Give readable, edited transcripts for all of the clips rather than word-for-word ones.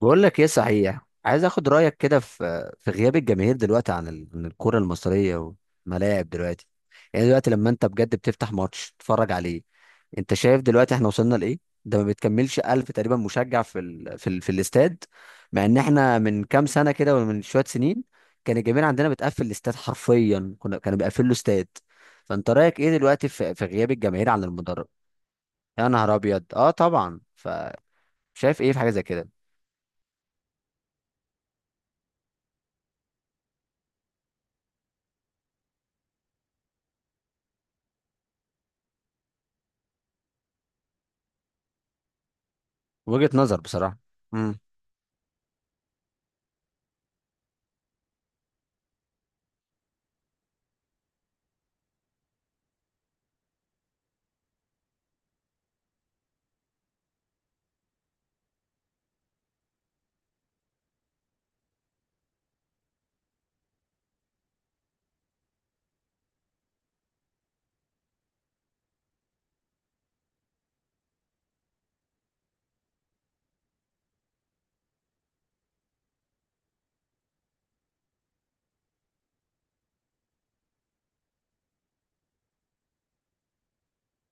بقول لك ايه؟ صحيح، عايز اخد رايك كده في غياب الجماهير دلوقتي عن عن الكره المصريه والملاعب دلوقتي. يعني دلوقتي لما انت بجد بتفتح ماتش تتفرج عليه، انت شايف دلوقتي احنا وصلنا لايه؟ ده ما بتكملش ألف تقريبا مشجع في الاستاد. مع ان احنا من كام سنه كده، ولا من شويه سنين، كان الجماهير عندنا بتقفل الاستاد حرفيا، كنا كانوا بيقفلوا استاد. فانت رايك ايه دلوقتي في غياب الجماهير عن المدرج؟ يا نهار ابيض، اه طبعا. فشايف ايه في حاجه زي كده؟ وجهة نظر بصراحة. امم.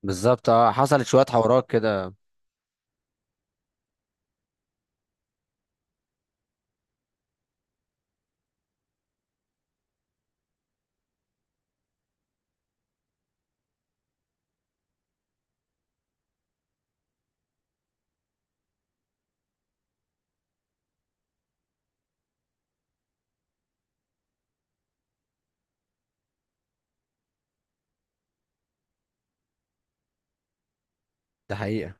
بالظبط، اه حصلت شوية حوارات كده. ده حقيقة.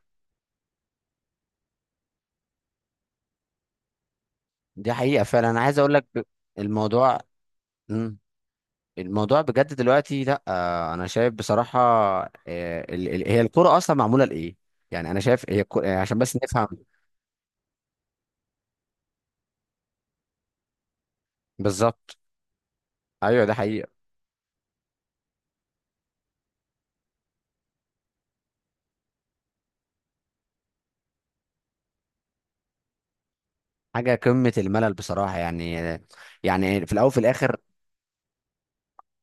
دي حقيقة فعلا، انا عايز اقول لك الموضوع. مم. الموضوع بجد دلوقتي، لا انا شايف بصراحة، هي الكرة اصلا معمولة لايه؟ يعني انا شايف هي الكرة، يعني عشان بس نفهم. بالظبط. ايوه ده حقيقة. حاجة قمة الملل بصراحة، يعني يعني في الاول وفي الاخر،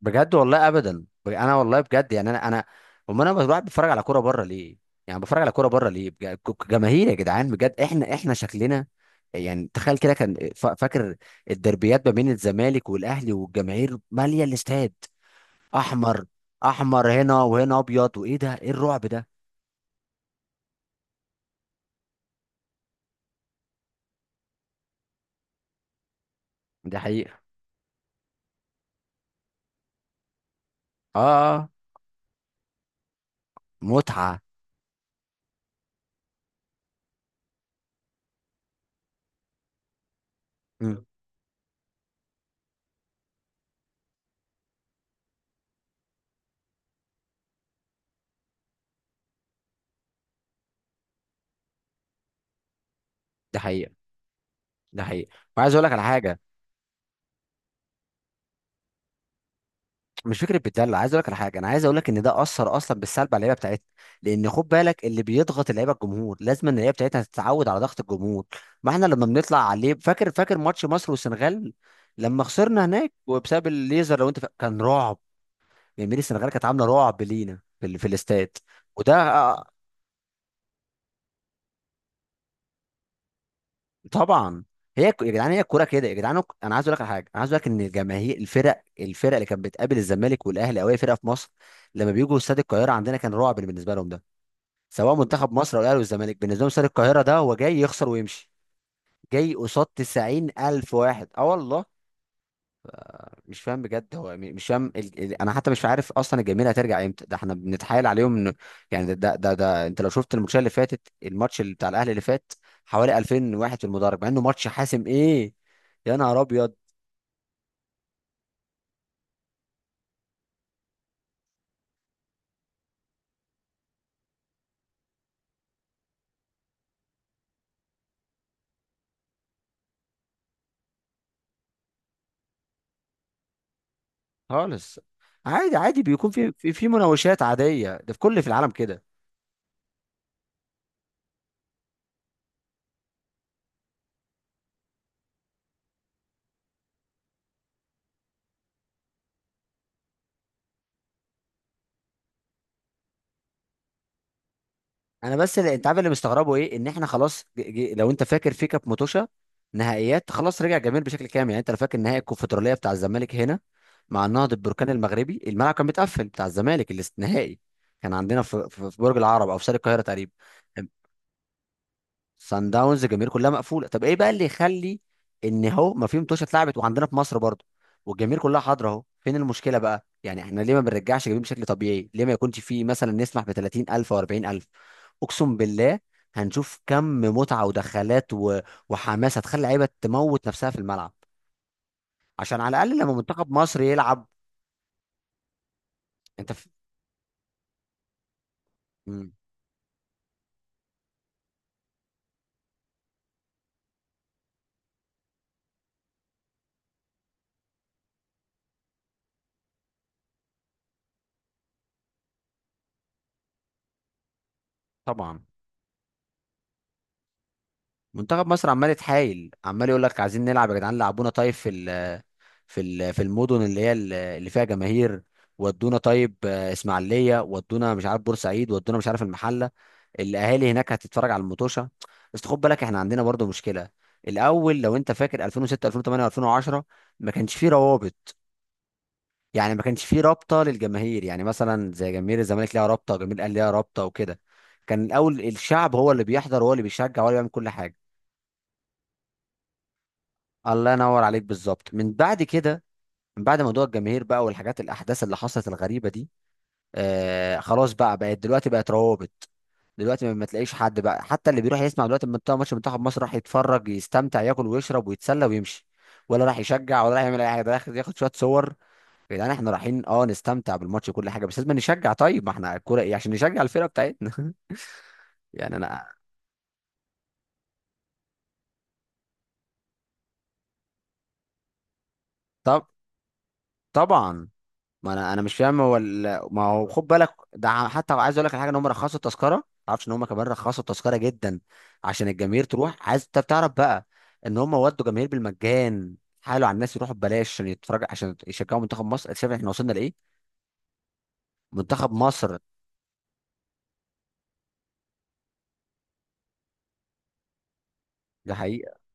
بجد والله ابدا. انا والله بجد، يعني انا، امال انا بروح بتفرج على كوره بره ليه؟ يعني بتفرج على كوره بره ليه؟ جماهير يا جدعان، بجد احنا شكلنا. يعني تخيل كده، كان فاكر الدربيات ما بين الزمالك والاهلي والجماهير ماليه الاستاد؟ احمر، احمر هنا وهنا ابيض. وايه ده؟ ايه الرعب ده؟ ده حقيقه. اه. آه، متعه. مم. ده حقيقه. ده حقيقه. وعايز اقول لك على حاجه. مش فكره بتدلع، عايز اقول لك على حاجه، انا عايز اقول لك ان ده اثر اصلا بالسلب على اللعيبه بتاعتنا. لان خد بالك، اللي بيضغط اللعيبه الجمهور، لازم ان اللعيبه بتاعتنا تتعود على ضغط الجمهور. ما احنا لما بنطلع عليه، فاكر ماتش مصر والسنغال لما خسرنا هناك، وبسبب الليزر لو انت كان رعب. يعني السنغال كانت عامله رعب لينا في الاستاد. وده آه، طبعا. يا جدعان، هي الكوره كده يا جدعان. انا عايز اقول لك على حاجه، انا عايز اقول لك ان الجماهير، الفرق، الفرق اللي كانت بتقابل الزمالك والاهلي او اي فرقه في مصر لما بيجوا استاد القاهره عندنا، كان رعب بالنسبه لهم. ده سواء منتخب مصر او الاهلي والزمالك، بالنسبه لهم استاد القاهره ده هو جاي يخسر ويمشي. جاي قصاد 90000 واحد، اه والله. مش فاهم بجد هو مش فاهم انا حتى مش عارف اصلا الجماهير هترجع امتى، ده احنا بنتحايل عليهم إن... يعني ده انت لو شفت الماتش اللي فاتت، الماتش اللي بتاع الاهلي اللي فات، حوالي 2000 واحد في المدرج، مع انه ماتش حاسم. ايه يا نهار ابيض! خالص. عادي، عادي، بيكون في مناوشات عاديه، ده في كل في العالم كده. انا بس اللي انت عارف اللي مستغربه ايه، ان احنا خلاص لو انت فاكر في كاب موتوشا نهائيات، خلاص رجع جميل بشكل كامل. يعني انت لو فاكر نهائي الكونفدراليه بتاع الزمالك هنا مع النهضه البركان المغربي، الملعب كان متقفل بتاع الزمالك الاستثنائي، كان عندنا في برج العرب او في شارع القاهره تقريبا. سان داونز الجماهير كلها مقفوله، طب ايه بقى اللي يخلي ان هو ما في متوشه اتلعبت وعندنا في مصر برضه والجماهير كلها حاضره اهو؟ فين المشكله بقى؟ يعني احنا ليه ما بنرجعش جماهير بشكل طبيعي؟ ليه ما يكونش في مثلا نسمح ب 30000 او 40000؟ اقسم بالله هنشوف كم متعه ودخلات و... وحماس هتخلي لعيبه تموت نفسها في الملعب، عشان على الاقل لما منتخب مصر يلعب. انت في... مم، طبعا. منتخب مصر عمال يتحايل، عمال يقول لك عايزين نلعب يا جدعان، لعبونا طيب في في المدن اللي هي اللي فيها جماهير. ودونا طيب آه، اسماعيليه. ودونا مش عارف بورسعيد. ودونا مش عارف المحله. الاهالي هناك هتتفرج على المطوشه. بس خد بالك احنا عندنا برضو مشكله. الاول لو انت فاكر 2006 2008 و2010، ما كانش فيه روابط. يعني ما كانش فيه رابطه للجماهير، يعني مثلا زي جماهير الزمالك ليها رابطه، وجماهير الاهلي ليها رابطه وكده. كان الاول الشعب هو اللي بيحضر، هو اللي بيشجع، هو اللي بيعمل كل حاجه. الله ينور عليك، بالظبط. من بعد كده، من بعد موضوع الجماهير بقى والحاجات الاحداث اللي حصلت الغريبه دي، آه خلاص بقى، بقت دلوقتي بقت روابط. دلوقتي ما تلاقيش حد بقى. حتى اللي بيروح يسمع دلوقتي من بتاع ماتش منتخب مصر، راح يتفرج، يستمتع، ياكل ويشرب ويتسلى ويمشي. ولا راح يشجع، ولا راح يعمل اي حاجه، ده راح ياخد شويه صور. يا جدعان، احنا رايحين اه نستمتع بالماتش وكل حاجه، بس لازم نشجع. طيب ما احنا الكوره ايه عشان نشجع الفرقه بتاعتنا؟ يعني انا. طب طبعا. ما انا مش فاهم، هو ما هو خد بالك، ده حتى عايز اقول لك على حاجه، ان هم رخصوا التذكره. ما تعرفش ان هم كمان رخصوا التذكره جدا عشان الجماهير تروح. عايز انت تعرف بقى ان هم ودوا جماهير بالمجان. حالوا على الناس يروحوا ببلاش عشان يتفرج، عشان يشجعوا منتخب مصر. شايف احنا وصلنا لايه؟ منتخب مصر. ده حقيقه.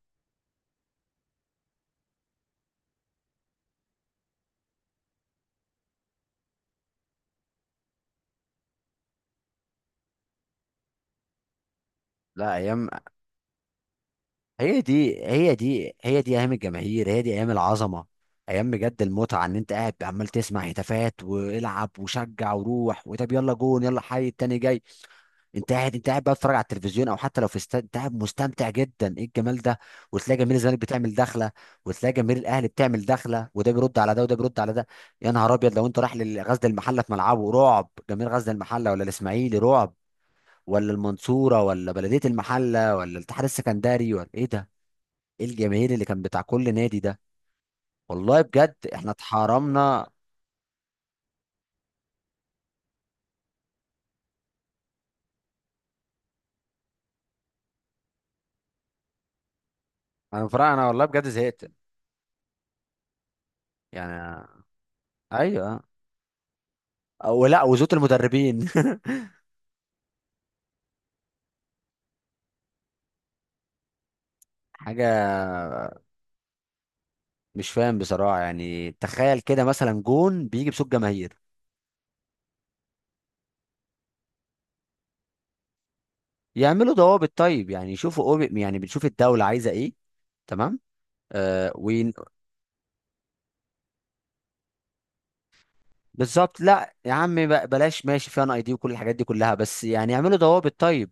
لا ايام. هي دي ايام الجماهير، هي دي ايام العظمه. ايام بجد المتعه، ان انت قاعد عمال تسمع هتافات، والعب وشجع وروح، وطب يلا جون، يلا حي التاني جاي. انت قاعد بقى بتتفرج على التلفزيون، او حتى لو في استاد انت قاعد مستمتع جدا. ايه الجمال ده! وتلاقي جماهير الزمالك بتعمل دخله، وتلاقي جماهير الاهلي بتعمل دخله، وده بيرد على ده وده بيرد على ده. يا نهار ابيض، لو انت رايح لغزل المحله في ملعبه، رعب جماهير غزل المحله، ولا الاسماعيلي رعب، ولا المنصوره، ولا بلديه المحله، ولا الاتحاد السكندري، ولا ايه ده؟ ايه الجماهير اللي كان بتاع كل نادي ده! والله بجد احنا اتحرمنا. انا فرق، انا والله بجد زهقت يعني. ايوه. ولا وزوت المدربين. حاجه. مش فاهم بصراحة. يعني تخيل كده، مثلا جون بيجي بصوت جماهير. يعملوا ضوابط طيب، يعني يشوفوا أوبي. يعني بنشوف الدولة عايزة ايه. تمام. آه وين. بالظبط، لا يا عم بلاش ماشي فيها اي دي وكل الحاجات دي كلها، بس يعني يعملوا ضوابط طيب.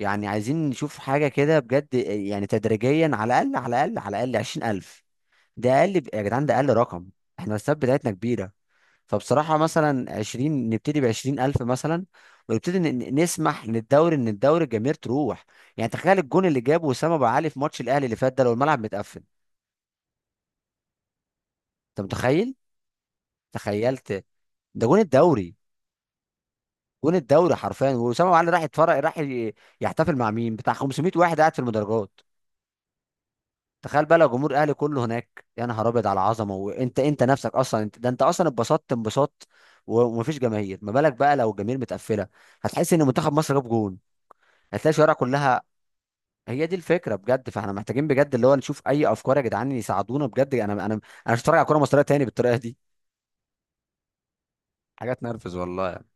يعني عايزين نشوف حاجة كده بجد، يعني تدريجيا، على الأقل، على الأقل، على الأقل 20000. ده أقل يا جدعان، ده أقل رقم. احنا الأسباب بتاعتنا كبيرة. فبصراحة، مثلا 20، نبتدي ب 20000 مثلا، ونبتدي نسمح للدوري، ان الدوري الجماهير تروح. يعني تخيل الجون اللي جابه وسام ابو علي في ماتش الاهلي اللي فات ده، لو الملعب متقفل. انت متخيل؟ تخيلت. ده جون الدوري، جون الدوري حرفيا. وسام ابو علي راح يتفرج، راح يحتفل مع مين؟ بتاع 500 واحد قاعد في المدرجات. تخيل بقى لو جمهور الاهلي كله هناك، يا نهار ابيض على العظمه. وانت انت نفسك اصلا، انت ده انت اصلا اتبسطت انبساط، ومفيش جماهير. ما بالك بقى لو الجماهير متقفله؟ هتحس ان منتخب مصر جاب جون، هتلاقي الشوارع كلها. هي دي الفكره بجد. فاحنا محتاجين بجد اللي هو نشوف اي افكار، يا جدعان يساعدونا بجد. انا مش هتفرج على كوره مصريه تاني بالطريقه دي. حاجه تنرفز والله يعني.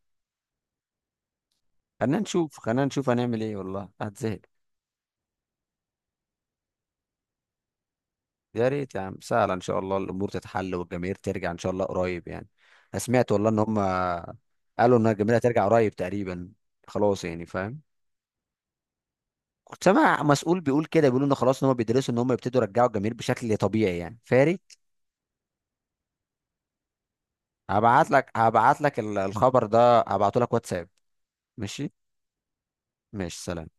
خلينا نشوف، خلينا نشوف هنعمل ايه، والله هتزهق. يا ريت يا عم سهله، ان شاء الله الامور تتحل والجماهير ترجع ان شاء الله قريب يعني. انا سمعت والله ان هم قالوا ان الجماهير هترجع قريب تقريبا. خلاص يعني، فاهم. كنت سامع مسؤول بيقول كده، بيقولوا ان خلاص ان هم بيدرسوا ان هم يبتدوا يرجعوا الجماهير بشكل طبيعي يعني. فاري، هبعت لك، هبعت لك الخبر ده هبعته لك واتساب. ماشي. ماشي سلام.